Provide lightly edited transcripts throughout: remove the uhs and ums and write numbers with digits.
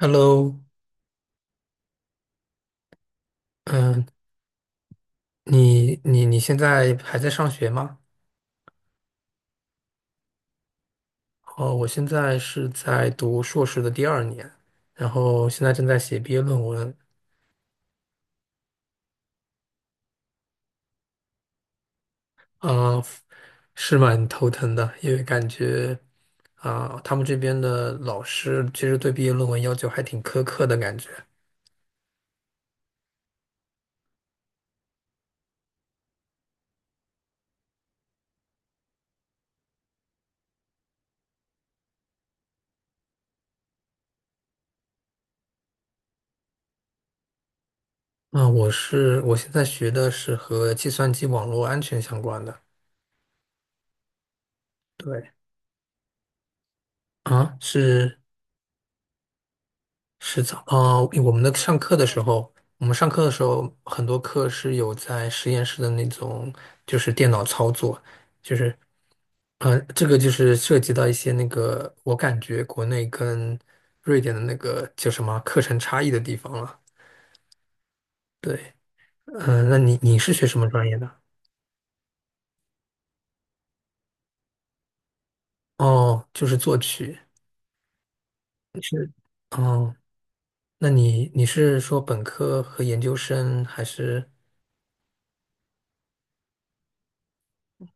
Hello，嗯，你现在还在上学吗？哦，我现在是在读硕士的第二年，然后现在正在写毕业论文。啊、是蛮头疼的，因为感觉啊、他们这边的老师其实对毕业论文要求还挺苛刻的感觉。啊、我现在学的是和计算机网络安全相关的。对，啊，是。是的，啊，我们上课的时候，很多课是有在实验室的那种，就是电脑操作，就是，这个就是涉及到一些那个，我感觉国内跟瑞典的那个叫什么课程差异的地方了。对，嗯、那你是学什么专业的？哦，就是作曲。是，哦，那你是说本科和研究生还是？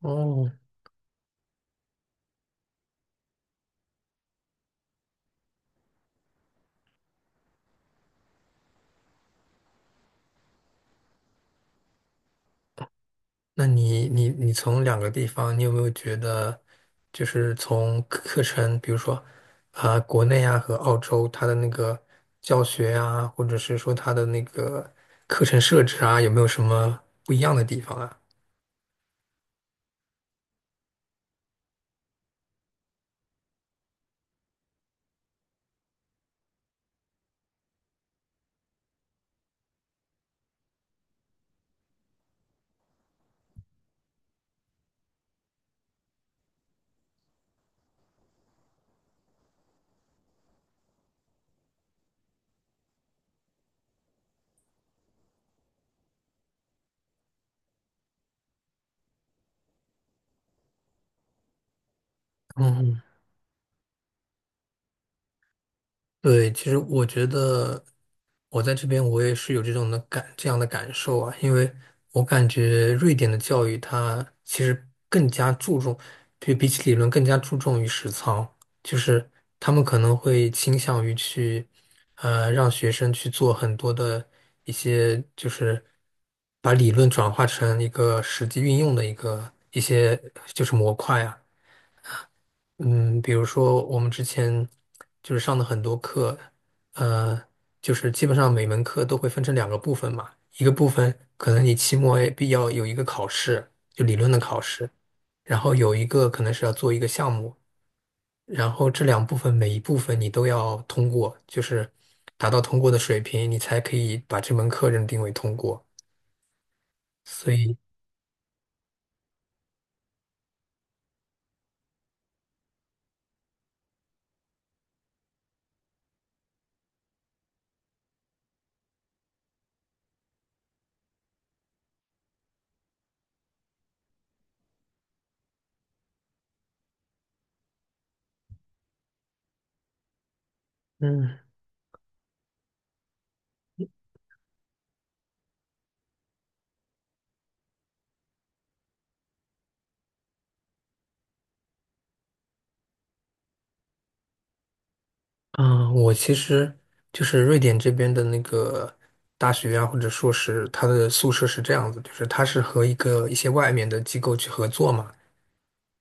哦，那你从两个地方，你有没有觉得，就是从课程，比如说啊、国内啊和澳洲，它的那个教学啊，或者是说它的那个课程设置啊，有没有什么不一样的地方啊？嗯，对，其实我觉得我在这边我也是有这样的感受啊，因为我感觉瑞典的教育它其实更加注重，对比起理论更加注重于实操，就是他们可能会倾向于去让学生去做很多的一些就是把理论转化成一个实际运用的一些就是模块啊。嗯，比如说我们之前就是上的很多课，呃，就是基本上每门课都会分成两个部分嘛，一个部分可能你期末也必要有一个考试，就理论的考试，然后有一个可能是要做一个项目，然后这两部分每一部分你都要通过，就是达到通过的水平，你才可以把这门课认定为通过。所以，嗯。嗯，我其实就是瑞典这边的那个大学啊，或者硕士，它的宿舍是这样子，就是它是和一些外面的机构去合作嘛，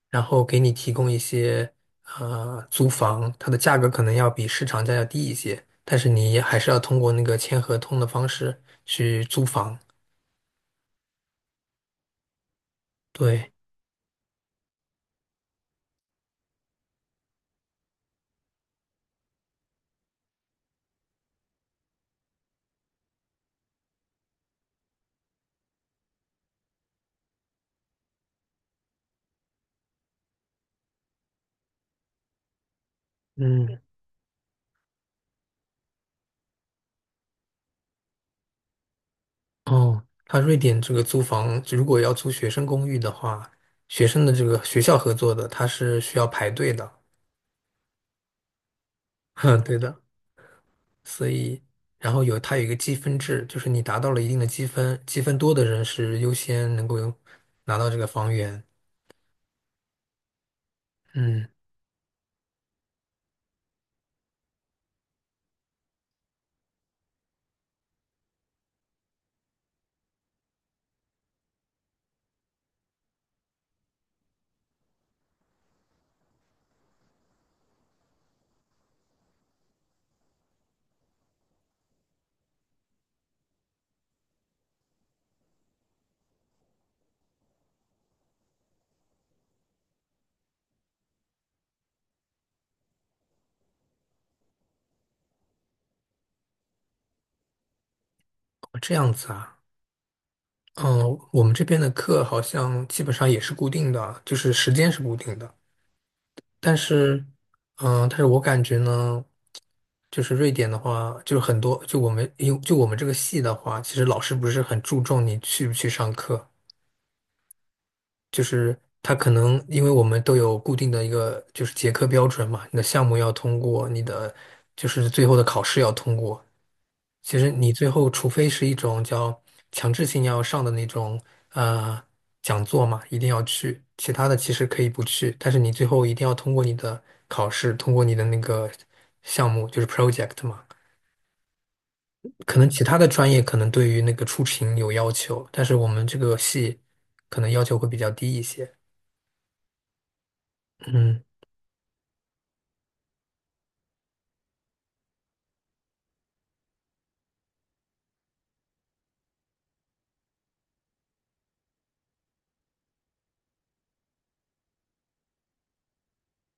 然后给你提供一些租房，它的价格可能要比市场价要低一些，但是你还是要通过那个签合同的方式去租房。对，嗯，哦，它瑞典这个租房，如果要租学生公寓的话，学生的这个学校合作的，它是需要排队的。哼，对的。所以，然后它有一个积分制，就是你达到了一定的积分，积分多的人是优先能够有拿到这个房源。嗯，哦这样子啊。嗯，我们这边的课好像基本上也是固定的，就是时间是固定的。但是，嗯，但是我感觉呢，就是瑞典的话，就是很多，就我们这个系的话，其实老师不是很注重你去不去上课。就是它可能因为我们都有固定的一个就是结课标准嘛，你的项目要通过，你的就是最后的考试要通过。其实你最后除非是一种叫强制性要上的那种呃讲座嘛，一定要去，其他的其实可以不去，但是你最后一定要通过你的考试，通过你的那个项目就是 project 嘛。可能其他的专业可能对于那个出勤有要求，但是我们这个系可能要求会比较低一些。嗯。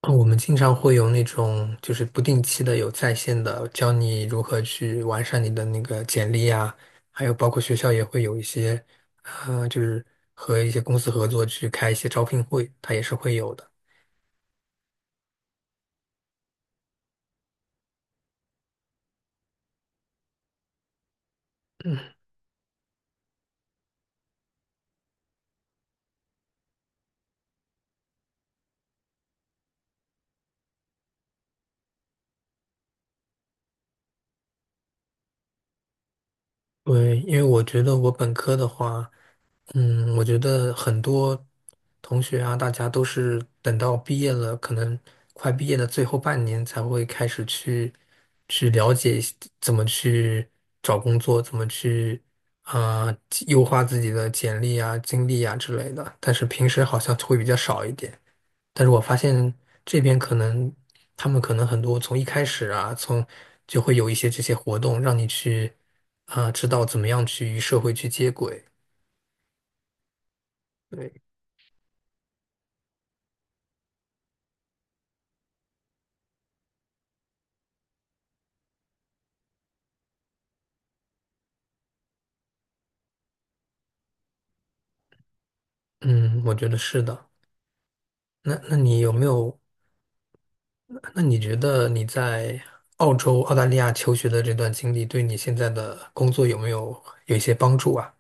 我们经常会有那种就是不定期的有在线的，教你如何去完善你的那个简历啊，还有包括学校也会有一些，就是和一些公司合作去开一些招聘会，它也是会有的。嗯，对，因为我觉得我本科的话，嗯，我觉得很多同学啊，大家都是等到毕业了，可能快毕业的最后半年才会开始去了解一些怎么去找工作，怎么去啊、优化自己的简历啊、经历啊之类的。但是平时好像会比较少一点。但是我发现这边可能他们可能很多从一开始啊，从就会有一些这些活动，让你去啊、知道怎么样去与社会去接轨。对。嗯，我觉得是的。那你有没有？那你觉得你在澳洲、澳大利亚求学的这段经历，对你现在的工作有没有一些帮助啊？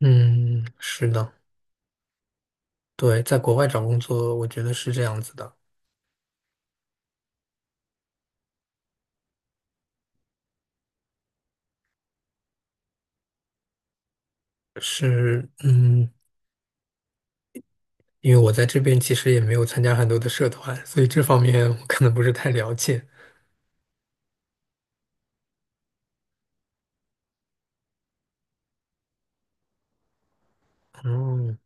嗯，是的，对，在国外找工作，我觉得是这样子的，是，嗯，因为我在这边其实也没有参加很多的社团，所以这方面我可能不是太了解。嗯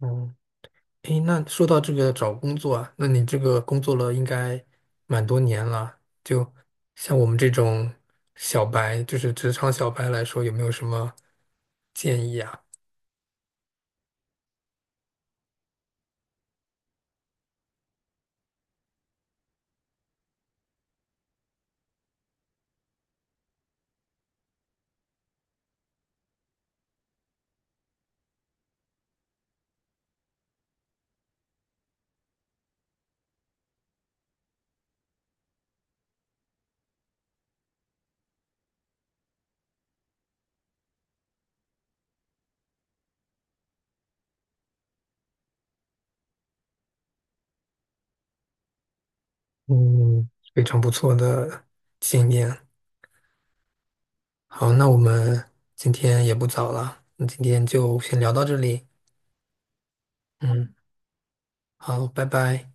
嗯。哦诶，那说到这个找工作啊，那你这个工作了应该蛮多年了，就像我们这种小白，就是职场小白来说，有没有什么建议啊？嗯，非常不错的经验。好，那我们今天也不早了，那今天就先聊到这里。嗯，好，拜拜。